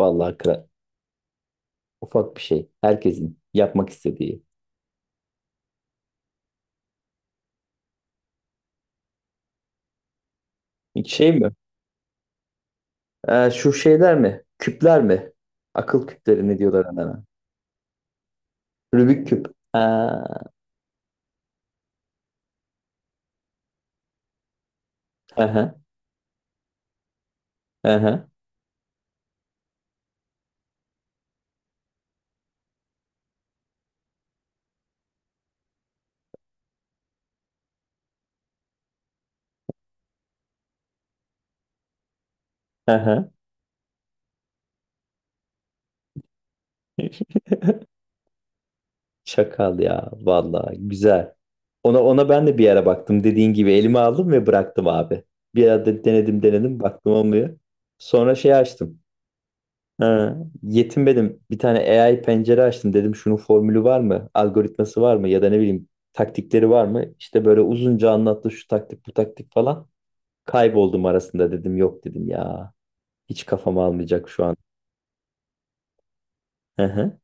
Vallahi ufak bir şey. Herkesin yapmak istediği. Şey mi? Şu şeyler mi? Küpler mi? Akıl küpleri ne diyorlar onlara? Rubik küp. Ha. Aha, aha. Hı hı. Ya. Vallahi güzel. Ona ben de bir ara baktım. Dediğin gibi elime aldım ve bıraktım abi. Bir ara denedim baktım olmuyor. Sonra şey açtım. Ha, yetinmedim. Bir tane AI pencere açtım. Dedim şunun formülü var mı? Algoritması var mı? Ya da ne bileyim taktikleri var mı? İşte böyle uzunca anlattı şu taktik bu taktik falan. Kayboldum arasında dedim yok dedim ya. Hiç kafam almayacak şu an. Hı hı.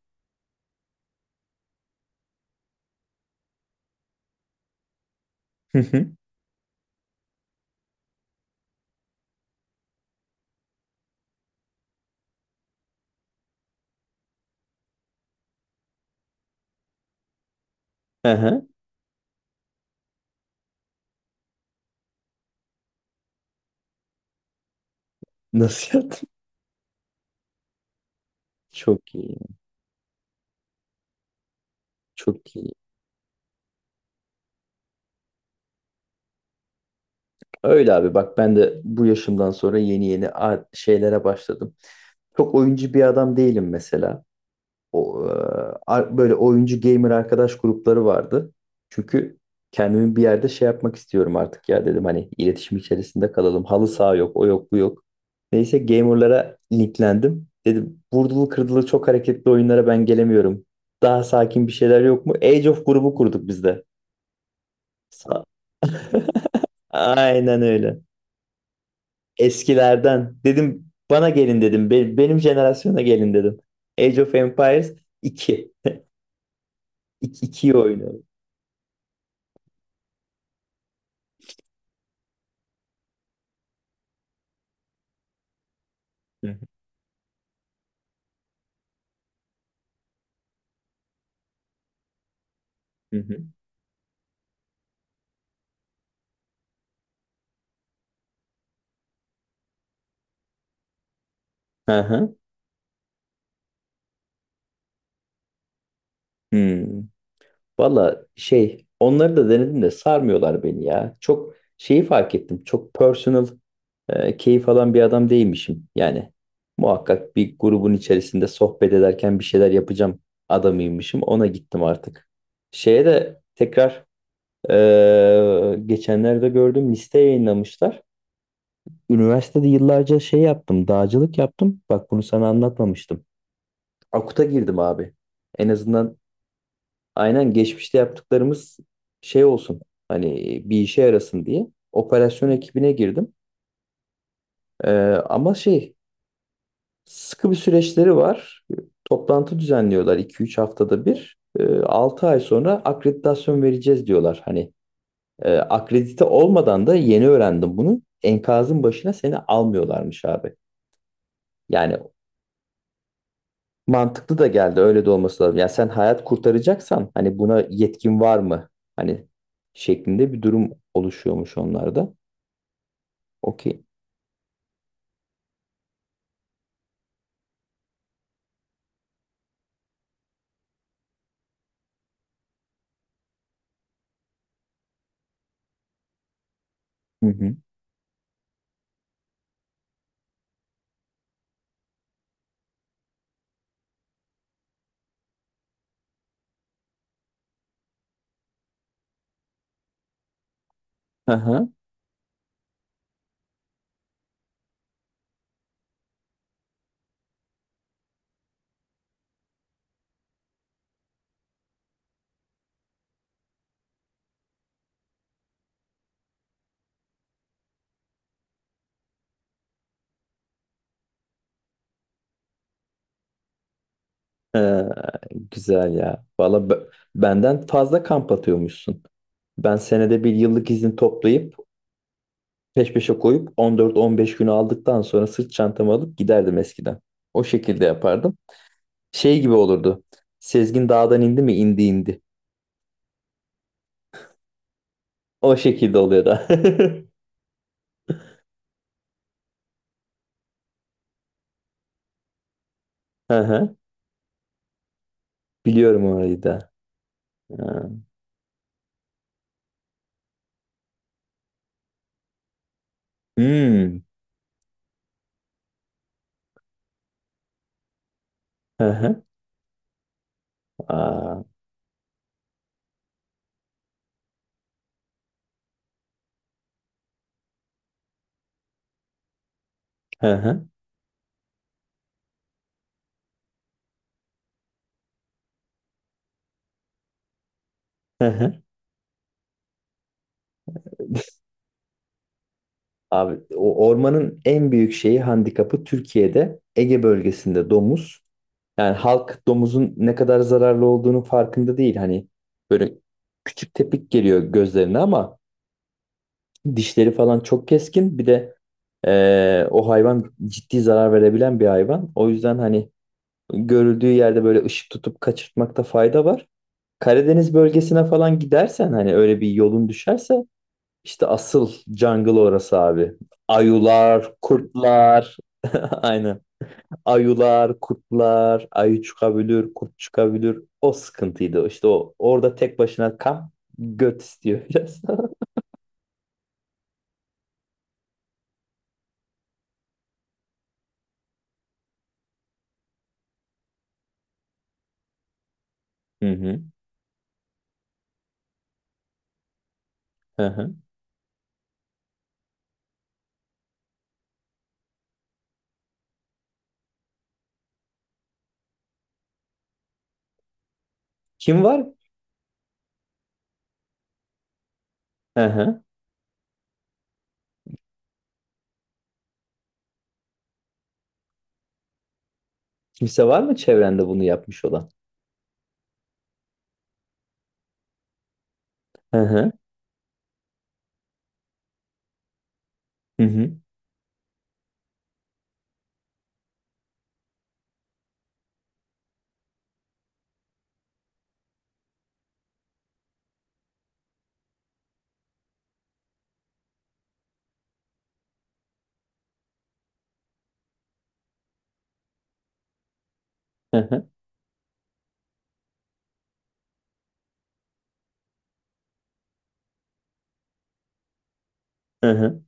Hı hı. Hı hı. Nasıl yaptın? Çok iyi. Çok iyi. Öyle abi bak ben de bu yaşımdan sonra yeni yeni şeylere başladım. Çok oyuncu bir adam değilim mesela. o, e, böyle oyuncu gamer arkadaş grupları vardı. Çünkü kendimi bir yerde şey yapmak istiyorum artık ya dedim hani iletişim içerisinde kalalım. Halı saha yok, o yok, bu yok. Neyse gamerlara linklendim. Dedim vurdulu kırdılı çok hareketli oyunlara ben gelemiyorum. Daha sakin bir şeyler yok mu? Age of grubu kurduk biz de. Sa- Aynen öyle. Eskilerden dedim bana gelin dedim. Benim jenerasyona gelin dedim. Age of Empires 2 2'yi oynuyorum. Hı hı. Hı hı. Hı hı. Hmm. Valla şey onları da denedim de sarmıyorlar beni ya. Çok şeyi fark ettim. Çok personal keyif alan bir adam değilmişim. Yani muhakkak bir grubun içerisinde sohbet ederken bir şeyler yapacağım adamıymışım. Ona gittim artık. Şeye de tekrar geçenlerde gördüm liste yayınlamışlar. Üniversitede yıllarca şey yaptım, dağcılık yaptım. Bak bunu sana anlatmamıştım. Akut'a girdim abi. En azından aynen geçmişte yaptıklarımız şey olsun hani bir işe yarasın diye operasyon ekibine girdim. Ee, ama şey sıkı bir süreçleri var. Toplantı düzenliyorlar 2-3 haftada bir. Altı ay sonra akreditasyon vereceğiz diyorlar. Hani akredite olmadan da yeni öğrendim bunu. Enkazın başına seni almıyorlarmış abi. Yani mantıklı da geldi. Öyle de olması lazım. Yani sen hayat kurtaracaksan hani buna yetkin var mı? Hani şeklinde bir durum oluşuyormuş onlarda. Okey. Hı hı. Aha. Ee, güzel ya. Valla benden fazla kamp atıyormuşsun. Ben senede bir yıllık izin toplayıp peş peşe koyup 14-15 günü aldıktan sonra sırt çantamı alıp giderdim eskiden. O şekilde yapardım. Şey gibi olurdu. Sezgin dağdan indi mi? İndi indi. O şekilde oluyor da. Hı hı. Biliyorum orayı da. Ha. Hmm. Hı hı. Aa. Hı hı. Hı hı. Abi o ormanın en büyük şeyi handikapı Türkiye'de Ege bölgesinde domuz. Yani halk domuzun ne kadar zararlı olduğunu farkında değil. Hani böyle küçük tepik geliyor gözlerine ama dişleri falan çok keskin. Bir de o hayvan ciddi zarar verebilen bir hayvan. O yüzden hani görüldüğü yerde böyle ışık tutup kaçırtmakta fayda var. Karadeniz bölgesine falan gidersen hani öyle bir yolun düşerse işte asıl jungle orası abi. Ayular, kurtlar. Aynen. Ayular, kurtlar, ayı çıkabilir, kurt çıkabilir. O sıkıntıydı. İşte o orada tek başına kamp göt istiyor biraz. Hı hı. Hı hı. Kim var? Hı hı. Kimse var mı çevrende bunu yapmış olan? Hı hı. Hı hı. Hı hı. Hı hı.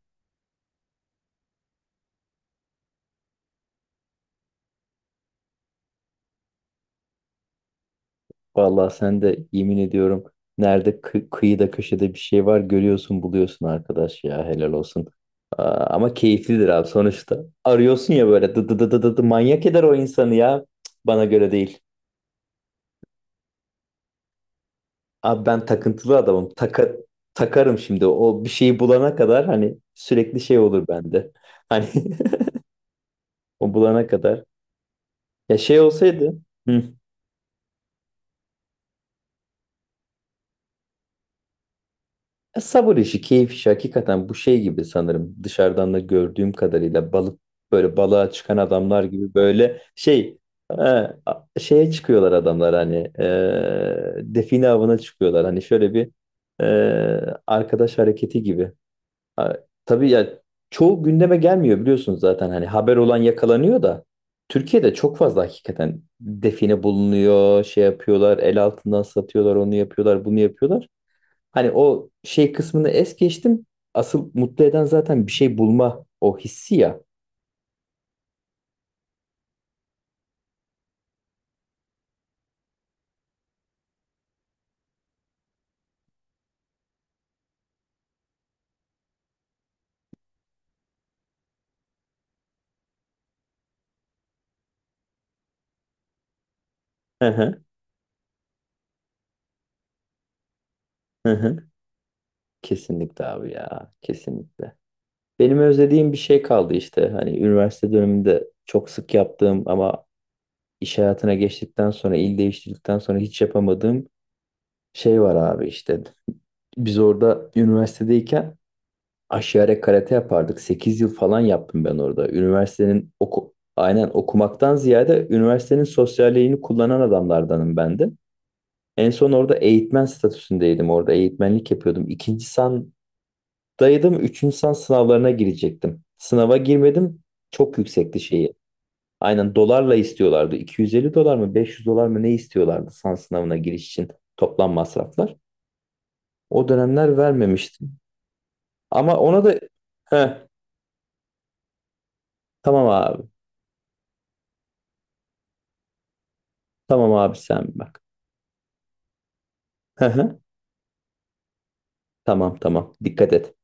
Vallahi sen de yemin ediyorum nerede kıyıda köşede bir şey var görüyorsun buluyorsun arkadaş ya helal olsun. Aa, ama keyiflidir abi sonuçta. Arıyorsun ya böyle dı dı dı dı dı dı, manyak eder o insanı ya. Cık, bana göre değil. Abi ben takıntılı adamım. Takarım şimdi o bir şeyi bulana kadar hani sürekli şey olur bende. Hani o bulana kadar. Ya şey olsaydı. Hı. Ya sabır işi, keyif işi hakikaten bu şey gibi sanırım. Dışarıdan da gördüğüm kadarıyla balık böyle balığa çıkan adamlar gibi böyle şey şeye çıkıyorlar adamlar hani define avına çıkıyorlar. Hani şöyle bir e, arkadaş hareketi gibi. A- tabii ya çoğu gündeme gelmiyor biliyorsunuz zaten hani haber olan yakalanıyor da Türkiye'de çok fazla hakikaten define bulunuyor, şey yapıyorlar, el altından satıyorlar, onu yapıyorlar, bunu yapıyorlar. Hani o şey kısmını es geçtim. Asıl mutlu eden zaten bir şey bulma o hissi ya. Hı hı, hı hı. Kesinlikle abi ya. Kesinlikle. Benim özlediğim bir şey kaldı işte. Hani üniversite döneminde çok sık yaptığım ama iş hayatına geçtikten sonra, il değiştirdikten sonra hiç yapamadığım şey var abi işte. Biz orada üniversitedeyken Aşiyare karate yapardık. 8 yıl falan yaptım ben orada. Üniversitenin aynen okumaktan ziyade üniversitenin sosyalliğini kullanan adamlardanım ben de. En son orada eğitmen statüsündeydim. Orada eğitmenlik yapıyordum. İkinci sandaydım. Üçüncü san sınavlarına girecektim. Sınava girmedim. Çok yüksekti şeyi. Aynen dolarla istiyorlardı. 250 dolar mı 500 dolar mı ne istiyorlardı san sınavına giriş için toplam masraflar. O dönemler vermemiştim. Ama ona da Heh, tamam abi. Tamam abi sen bak. Hı hı. Tamam tamam. Dikkat et.